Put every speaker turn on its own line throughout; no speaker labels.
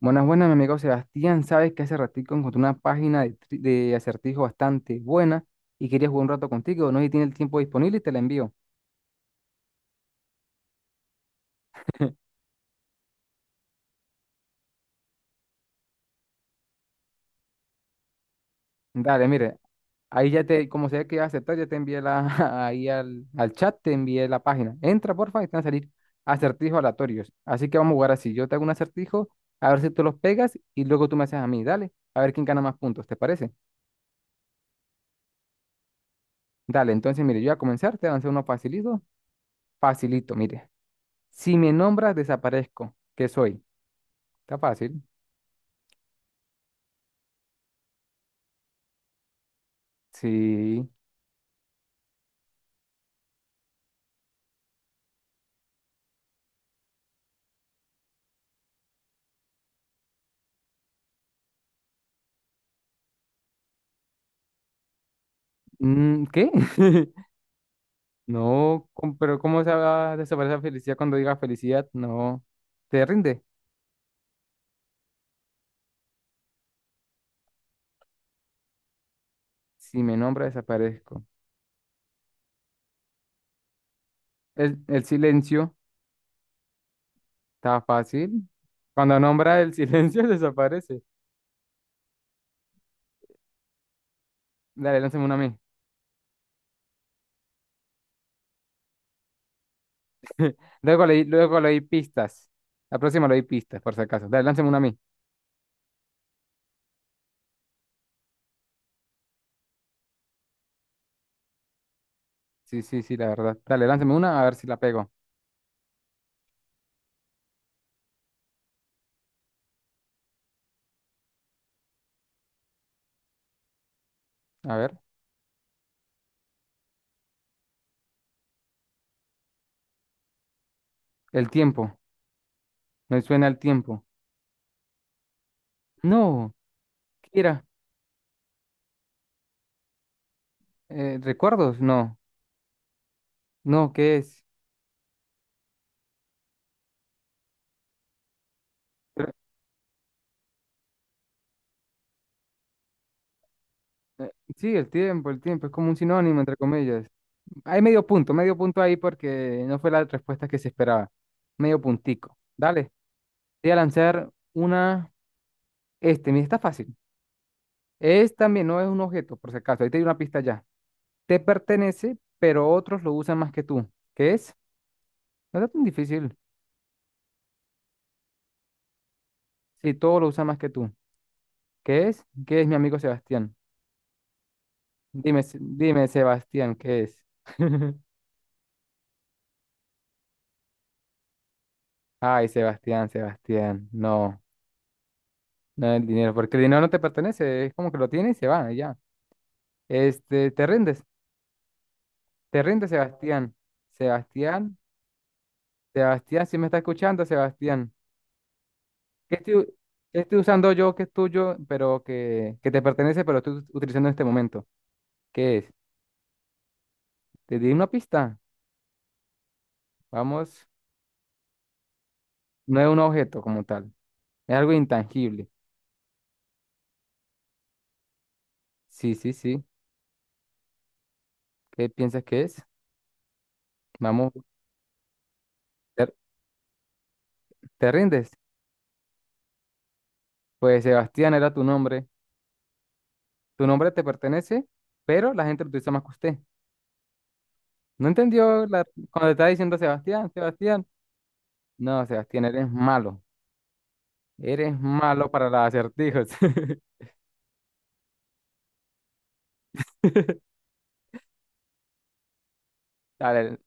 Buenas, buenas, mi amigo Sebastián. Sabes que hace ratico encontré una página de acertijo bastante buena y quería jugar un rato contigo. No sé si tiene el tiempo disponible y te la envío. Dale, mire, ahí ya te, como sea que iba a aceptar, ya te envié la, ahí al chat, te envié la página. Entra, porfa, y te van a salir acertijos aleatorios. Así que vamos a jugar así. Yo te hago un acertijo, a ver si tú los pegas y luego tú me haces a mí. Dale, a ver quién gana más puntos, ¿te parece? Dale, entonces, mire, yo voy a comenzar, te voy a lanzar uno facilito. Facilito, mire. Si me nombras, desaparezco. ¿Qué soy? Está fácil. Sí. Mm, ¿qué? No, pero ¿cómo se va a desaparecer felicidad cuando diga felicidad? No. ¿Te rinde? Si me nombra, desaparezco. El silencio. Está fácil. Cuando nombra el silencio, desaparece. Dale, lánzame una a mí. Luego le di pistas. La próxima le di pistas, por si acaso. Dale, lánzame una a mí. Sí, sí, sí, la verdad. Dale, lánzame una a ver si la pego. A ver. El tiempo. Me suena el tiempo. No. ¿Qué era? ¿Recuerdos? No. No, ¿qué es? Pero, eh, sí, el tiempo, es como un sinónimo, entre comillas. Hay medio punto ahí porque no fue la respuesta que se esperaba. Medio puntico. Dale, te voy a lanzar una, este, mira, está fácil. Es también, no es un objeto, por si acaso, ahí te doy una pista ya. Te pertenece, pero otros lo usan más que tú. ¿Qué es? No está tan difícil. Si todos lo usan más que tú. ¿Qué es? ¿Qué es mi amigo Sebastián? Dime, dime, Sebastián, ¿qué es? Ay, Sebastián, Sebastián, no. No el dinero, porque el dinero no te pertenece, es como que lo tienes y se va, y ya. Este, te rindes, Sebastián. Sebastián, Sebastián, si me está escuchando, Sebastián. ¿Qué estoy, ¿qué estoy usando yo que es tuyo, pero que te pertenece, pero estoy utilizando en este momento? ¿Qué es? Te di una pista. Vamos, no es un objeto como tal, es algo intangible. Sí, sí, sí. ¿Qué piensas que es? Vamos, te, te rindes. Pues Sebastián era tu nombre. Tu nombre te pertenece, pero la gente lo utiliza más que usted. No entendió la, cuando te estaba diciendo Sebastián, Sebastián. No, Sebastián, eres malo. Eres malo para los acertijos. Dale,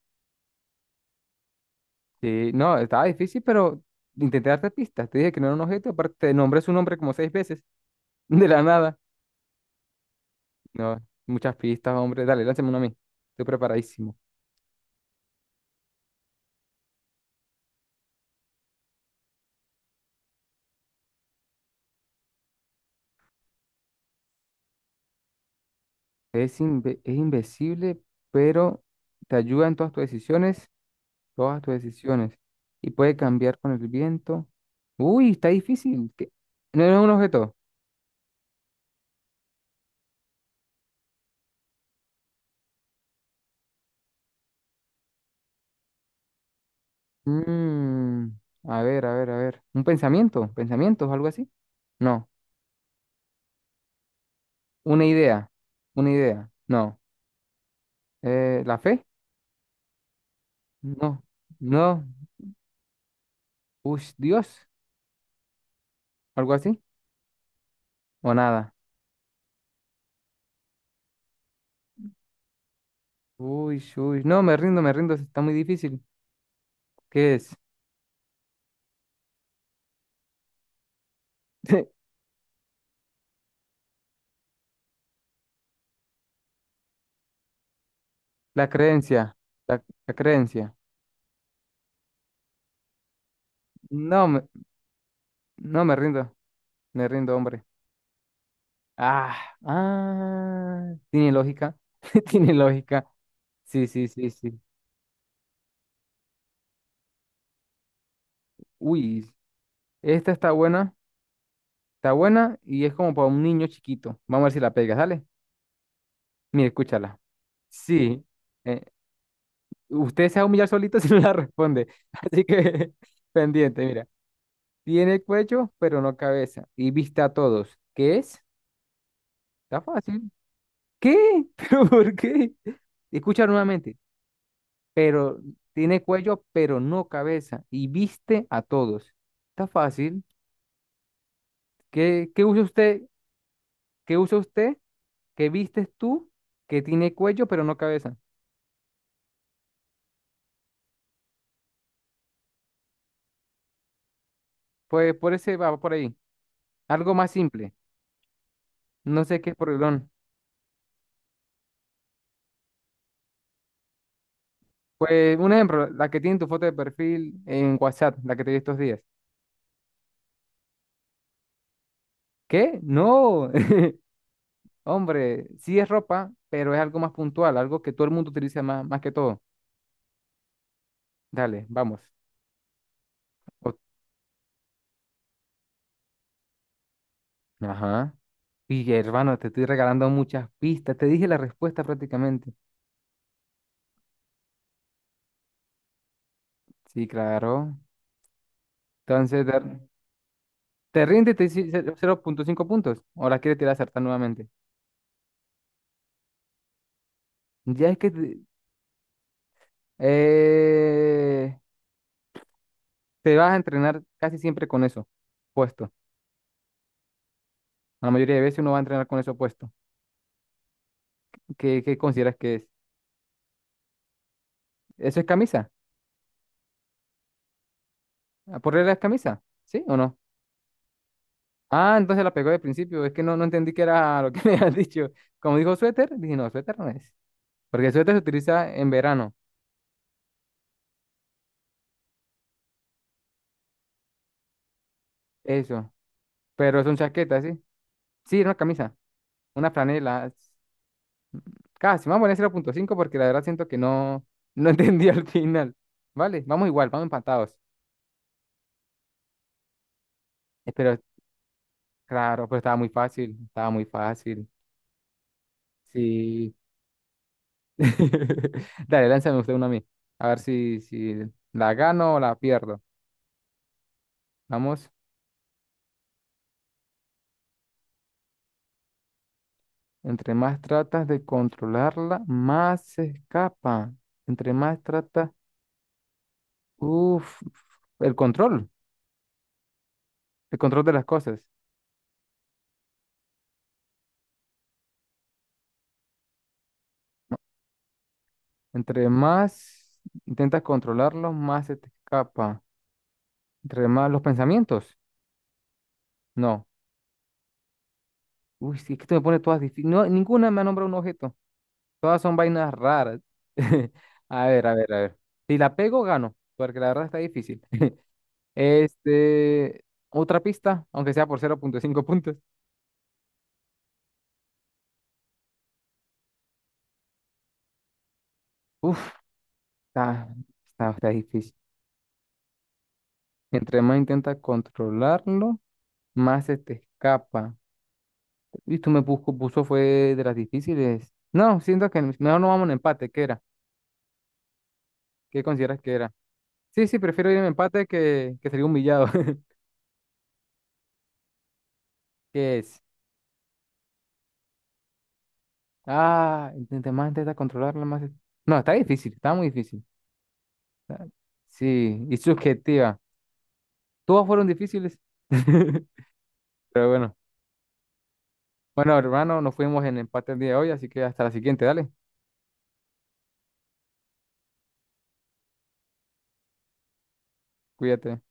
sí, no, estaba difícil, pero intenté darte pistas. Te dije que no era un objeto, aparte te nombré su nombre como seis veces, de la nada. No, muchas pistas, hombre. Dale, lánzame uno a mí. Estoy preparadísimo. Es, es invisible, pero te ayuda en todas tus decisiones, todas tus decisiones. Y puede cambiar con el viento. Uy, está difícil. ¿Qué? No, no es un objeto. Mm, a ver, a ver, a ver. Un pensamiento, pensamientos, algo así. No. Una idea, una idea. No. ¿La fe? No. No. Uy, Dios, algo así. O nada. Uy, uy. No, me rindo, me rindo. Está muy difícil. ¿Qué es? La creencia, la, la creencia. No, me, no me rindo, me rindo, hombre. Ah, ah. Tiene lógica, tiene lógica. Sí, sí, sí, sí. Uy, esta está buena. Está buena y es como para un niño chiquito. Vamos a ver si la pega, ¿sale? Mire, escúchala. Sí, eh, usted se va a humillar solito si no la responde. Así que pendiente, mira. Tiene cuello, pero no cabeza. Y vista a todos. ¿Qué es? Está fácil. ¿Qué? ¿Pero por qué? Escucha nuevamente. Pero tiene cuello, pero no cabeza. Y viste a todos. Está fácil. ¿Qué usa usted? ¿Qué usa usted? ¿Qué vistes tú? Que tiene cuello, pero no cabeza. Pues por ese va por ahí. Algo más simple. No sé qué es proelón. Pues un ejemplo, la que tiene tu foto de perfil en WhatsApp, la que te di estos días. ¿Qué? No. Hombre, sí es ropa, pero es algo más puntual, algo que todo el mundo utiliza más, más que todo. Dale, vamos. O- Ajá. Y hermano, te estoy regalando muchas pistas. Te dije la respuesta prácticamente. Sí, claro. Entonces, te rinde y te dice 0.5 puntos. ¿O la quieres tirar a acertar nuevamente? Ya es que... te- eh, Te vas a entrenar casi siempre con eso puesto. La mayoría de veces uno va a entrenar con eso puesto. ¿Qué consideras que es? ¿Eso es camisa? ¿A ¿Por regla es camisa? ¿Sí o no? Ah, entonces la pegó de principio. Es que no, no entendí que era lo que me habías dicho. Como dijo suéter, dije, no, suéter no es. Porque el suéter se utiliza en verano. Eso. Pero son chaquetas, ¿sí? Sí, era una camisa. Una franela. Casi. Vamos a poner 0.5 porque la verdad siento que no entendí al final. Vale, vamos igual, vamos empatados. Espero. Claro, pero estaba muy fácil, estaba muy fácil. Sí. Dale, lánzame usted una a mí. A ver si, si la gano o la pierdo. Vamos, entre más tratas de controlarla, más se escapa. Entre más tratas, uff, el control, el control de las cosas. Entre más intentas controlarlo, más se te escapa. Entre más los pensamientos, no. Uy, sí, es que esto me pone todas difíciles. No, ninguna me ha nombrado un objeto. Todas son vainas raras. A ver, a ver, a ver. Si la pego, gano, porque la verdad está difícil. Este, otra pista, aunque sea por 0.5 puntos. Uf, está, está difícil. Entre más intenta controlarlo, más se te escapa. Y tú me busco puso fue de las difíciles. No, siento que mejor no vamos en empate. ¿Qué era? ¿Qué consideras que era? Sí, sí, prefiero ir en empate que salir humillado. ¿Qué es? Ah, intenté más intentar controlarla, no, está difícil, está muy difícil. Está- Sí, y subjetiva. Todas fueron difíciles. Pero bueno. Bueno, hermano, nos fuimos en empate el día de hoy, así que hasta la siguiente, dale. Cuídate.